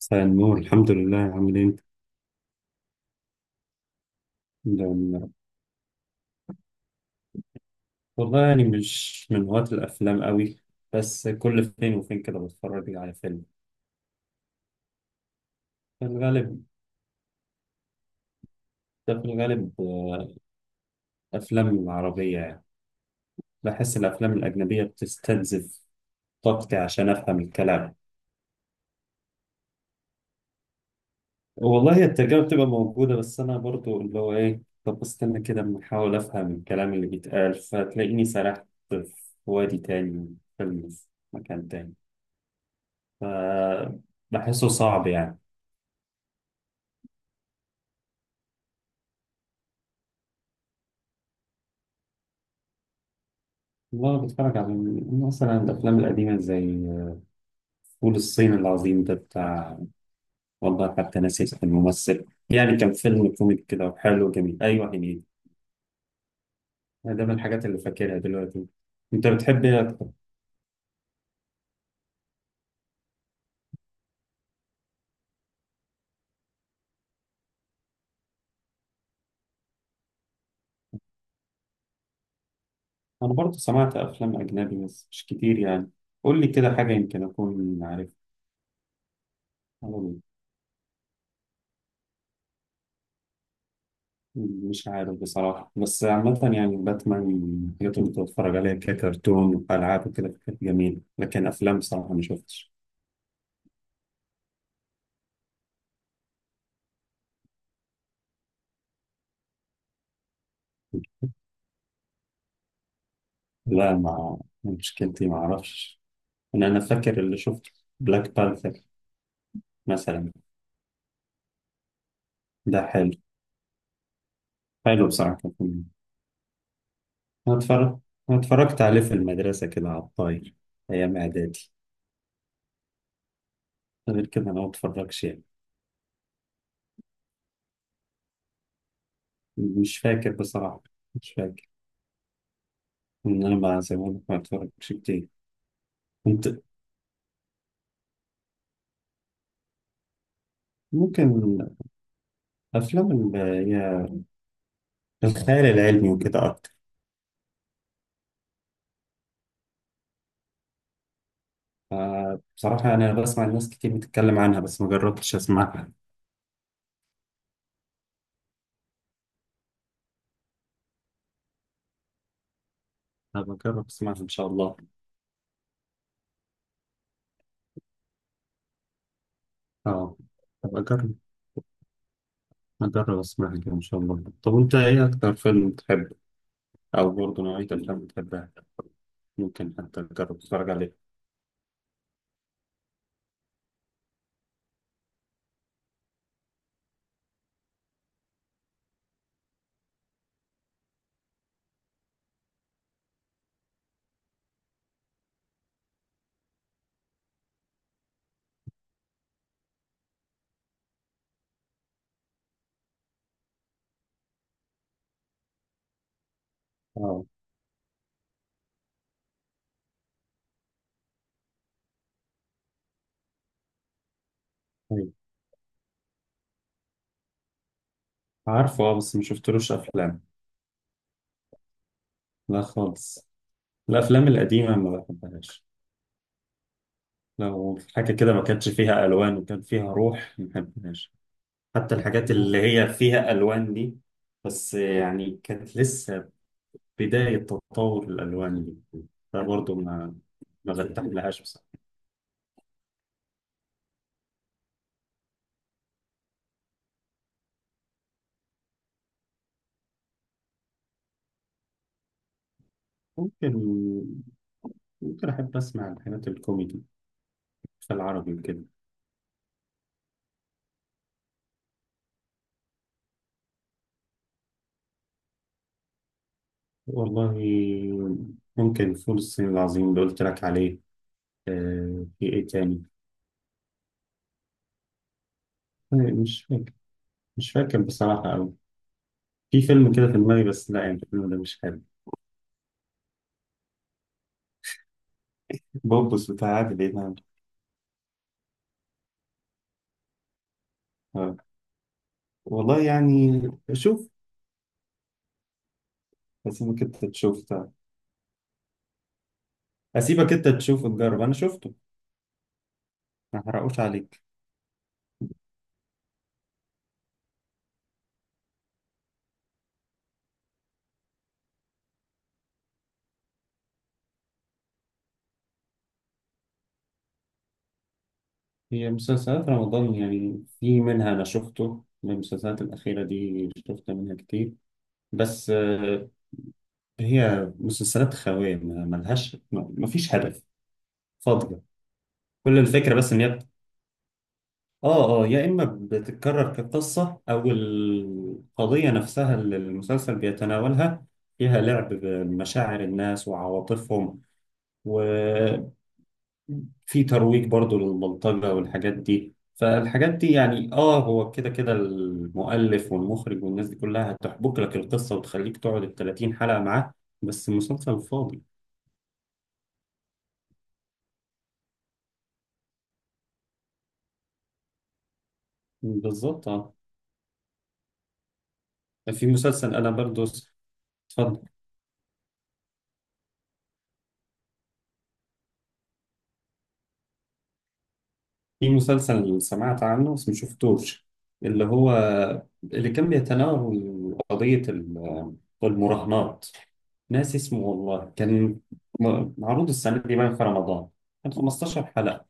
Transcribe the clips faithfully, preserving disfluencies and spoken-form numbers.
مساء النور، الحمد لله. عامل ايه انت؟ الحمد لله. والله يعني مش من هواة الافلام قوي، بس كل فين وفين كده بتفرج على فيلم. في الغالب، ده في الغالب آه، افلام عربية يعني بحس الافلام الاجنبية بتستنزف طاقتي عشان افهم الكلام. والله هي الترجمة بتبقى موجودة، بس انا برضو اللي هو ايه، طب استنى كده اما احاول افهم الكلام اللي بيتقال فتلاقيني سرحت في وادي تاني، فيلم في مكان تاني. ف- بحسه صعب يعني. والله بتفرج على مثلا الأفلام القديمة زي فول الصين العظيم، ده بتاع، والله حتى ناسي اسم الممثل، يعني كان فيلم كوميدي كده وحلو وجميل. أيوة، هنيدي. ده من الحاجات اللي فاكرها دلوقتي. أنت بتحب إيه أكتر؟ أنا برضه سمعت أفلام أجنبي بس مش كتير يعني. قول لي كده حاجة يمكن أكون عارف. مش عارف بصراحة، بس عامة يعني باتمان من الحاجات اللي كنت بتفرج عليها ككرتون وألعاب وكده، كانت جميلة، لكن أفلام بصراحة ما شفتش. لا. مع مشكلتي ما أعرفش إن أنا فاكر اللي شفته. بلاك بانثر مثلا. ده حلو، حلو بصراحة كان. أنا اتفرجت أنا اتفرجت عليه في المدرسة كده على الطاير، أيام إعدادي. غير كده أنا ما اتفرجش يعني. مش فاكر بصراحة، مش فاكر. إن أنا ما زي ما بقولك ما اتفرجش كتير. كنت، ممكن، أفلام اللي هي الخيال العلمي وكده أكتر. آه، بصراحة أنا بسمع الناس كتير بتتكلم عنها بس ما جربتش أسمعها. هبقى أجرب أسمعها إن شاء الله. أه، هبقى أجرب هجرب أسمعها كده إن شاء الله. طب وأنت إيه أكتر فيلم بتحبه، أو برضه نوعية الأفلام بتحبها، ممكن حتى تجرب تتفرج عليه. أه. أيوة، عارفه. أه، بس مشفتلوش أفلام. لا خالص. الأفلام القديمة ما بحبهاش. لو حاجة كده ما كانتش فيها ألوان وكان فيها روح، ما بحبهاش. حتى الحاجات اللي هي فيها ألوان دي، بس يعني كانت لسه بداية تطور الألوان دي، فبرضه ما ما برتاحلهاش بصراحة. ممكن، ممكن أحب أسمع الحاجات الكوميدي في العربي وكده. والله ممكن فول الصين العظيم اللي قلت لك عليه. آه، في ايه تاني؟ آه، مش فاكر مش فاكر بصراحة أوي. في فيلم كده في دماغي بس، لا يعني الفيلم ده مش حلو. بوبس بتاع عادل إمام. آه. والله يعني شوف، أسيبك أنت تشوف ده. أسيبك أنت تشوف وتجرب، أنا شفته، ما حرقوش عليك. هي مسلسلات رمضان يعني في منها، أنا شفته من المسلسلات الأخيرة دي، شفت منها كتير. بس آه، هي مسلسلات خاوية، ما- ملهاش ما ما فيش هدف، فاضية. كل الفكرة بس إن هي بت- آه آه، يا إما بتتكرر كقصة، أو القضية نفسها اللي المسلسل بيتناولها فيها لعب بمشاعر الناس وعواطفهم، وفي ترويج برضو للبلطجة والحاجات دي. فالحاجات دي يعني آه، هو كده كده المؤلف والمخرج والناس دي كلها هتحبك لك القصة وتخليك تقعد ال الثلاثين حلقة معاه، بس مسلسل فاضي. بالظبط آه. في مسلسل انا برضو س- اتفضل. في مسلسل سمعت عنه بس ما شفتوش، اللي هو اللي كان بيتناول قضية ال- المراهنات. ناس اسمه والله كان، م- معروض السنة دي باين في رمضان، كان خمستاشر حلقة.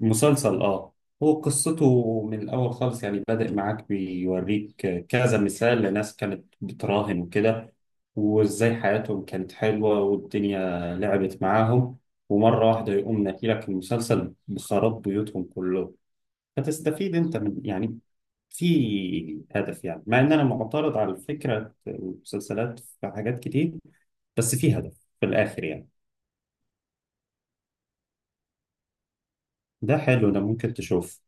مسلسل اه، هو قصته من الأول خالص، يعني بدأ معاك بيوريك كذا مثال لناس كانت بتراهن وكده، وإزاي حياتهم كانت حلوة، والدنيا لعبت معاهم، ومرة واحدة يقوم ناكلك المسلسل بخراب بيوتهم كله. فتستفيد أنت من، يعني في هدف يعني. مع إن أنا معترض على فكرة المسلسلات في حاجات كتير، بس في هدف في الآخر يعني. ده حلو، ده ممكن تشوف.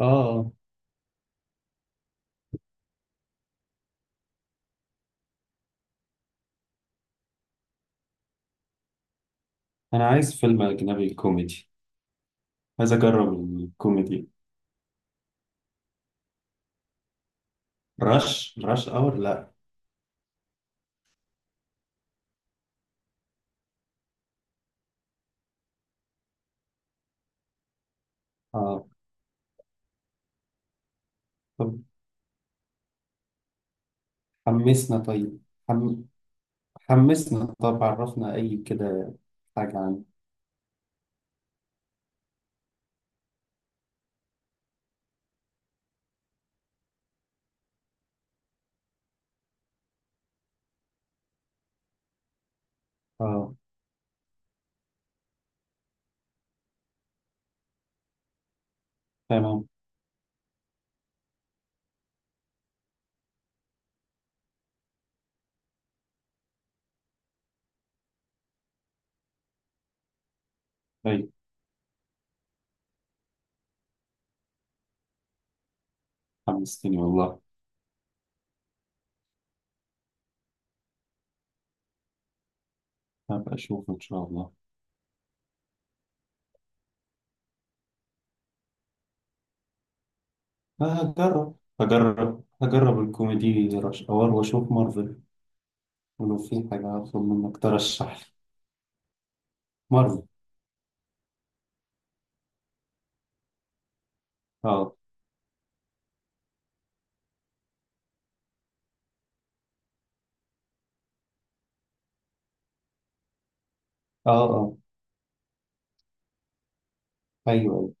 آه، أنا عايز فيلم أجنبي كوميدي، عايز اجرب الكوميدي. رش رش اور؟ لا. اه. طب حمسنا طيب. حم... حمسنا، طب عرفنا اي كده حاجة عنه. اه، تمام. طيب حمستني والله، هبقى اشوف ان شاء الله. آه، هجرب هجرب هجرب الكوميدي رش اور، واشوف مارفل، ولو في حاجة هطلب منك ترشح لي. مارفل. اه اه اه، ايوه ايوه.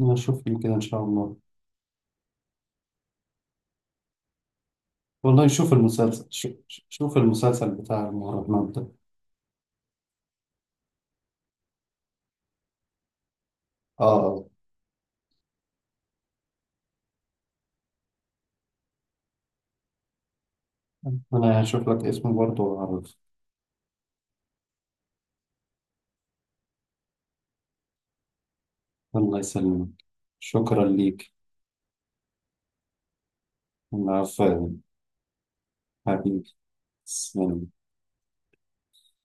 نشوف لي كده ان شاء الله. والله شوف المسلسل، شوف, شوف المسلسل بتاع المهرجانات ده. اه آه. أنا هشوف لك اسمه برضه وأعرف. الله يسلمك، شكرا ليك. الله، عفوا. حبيبي، تسلم.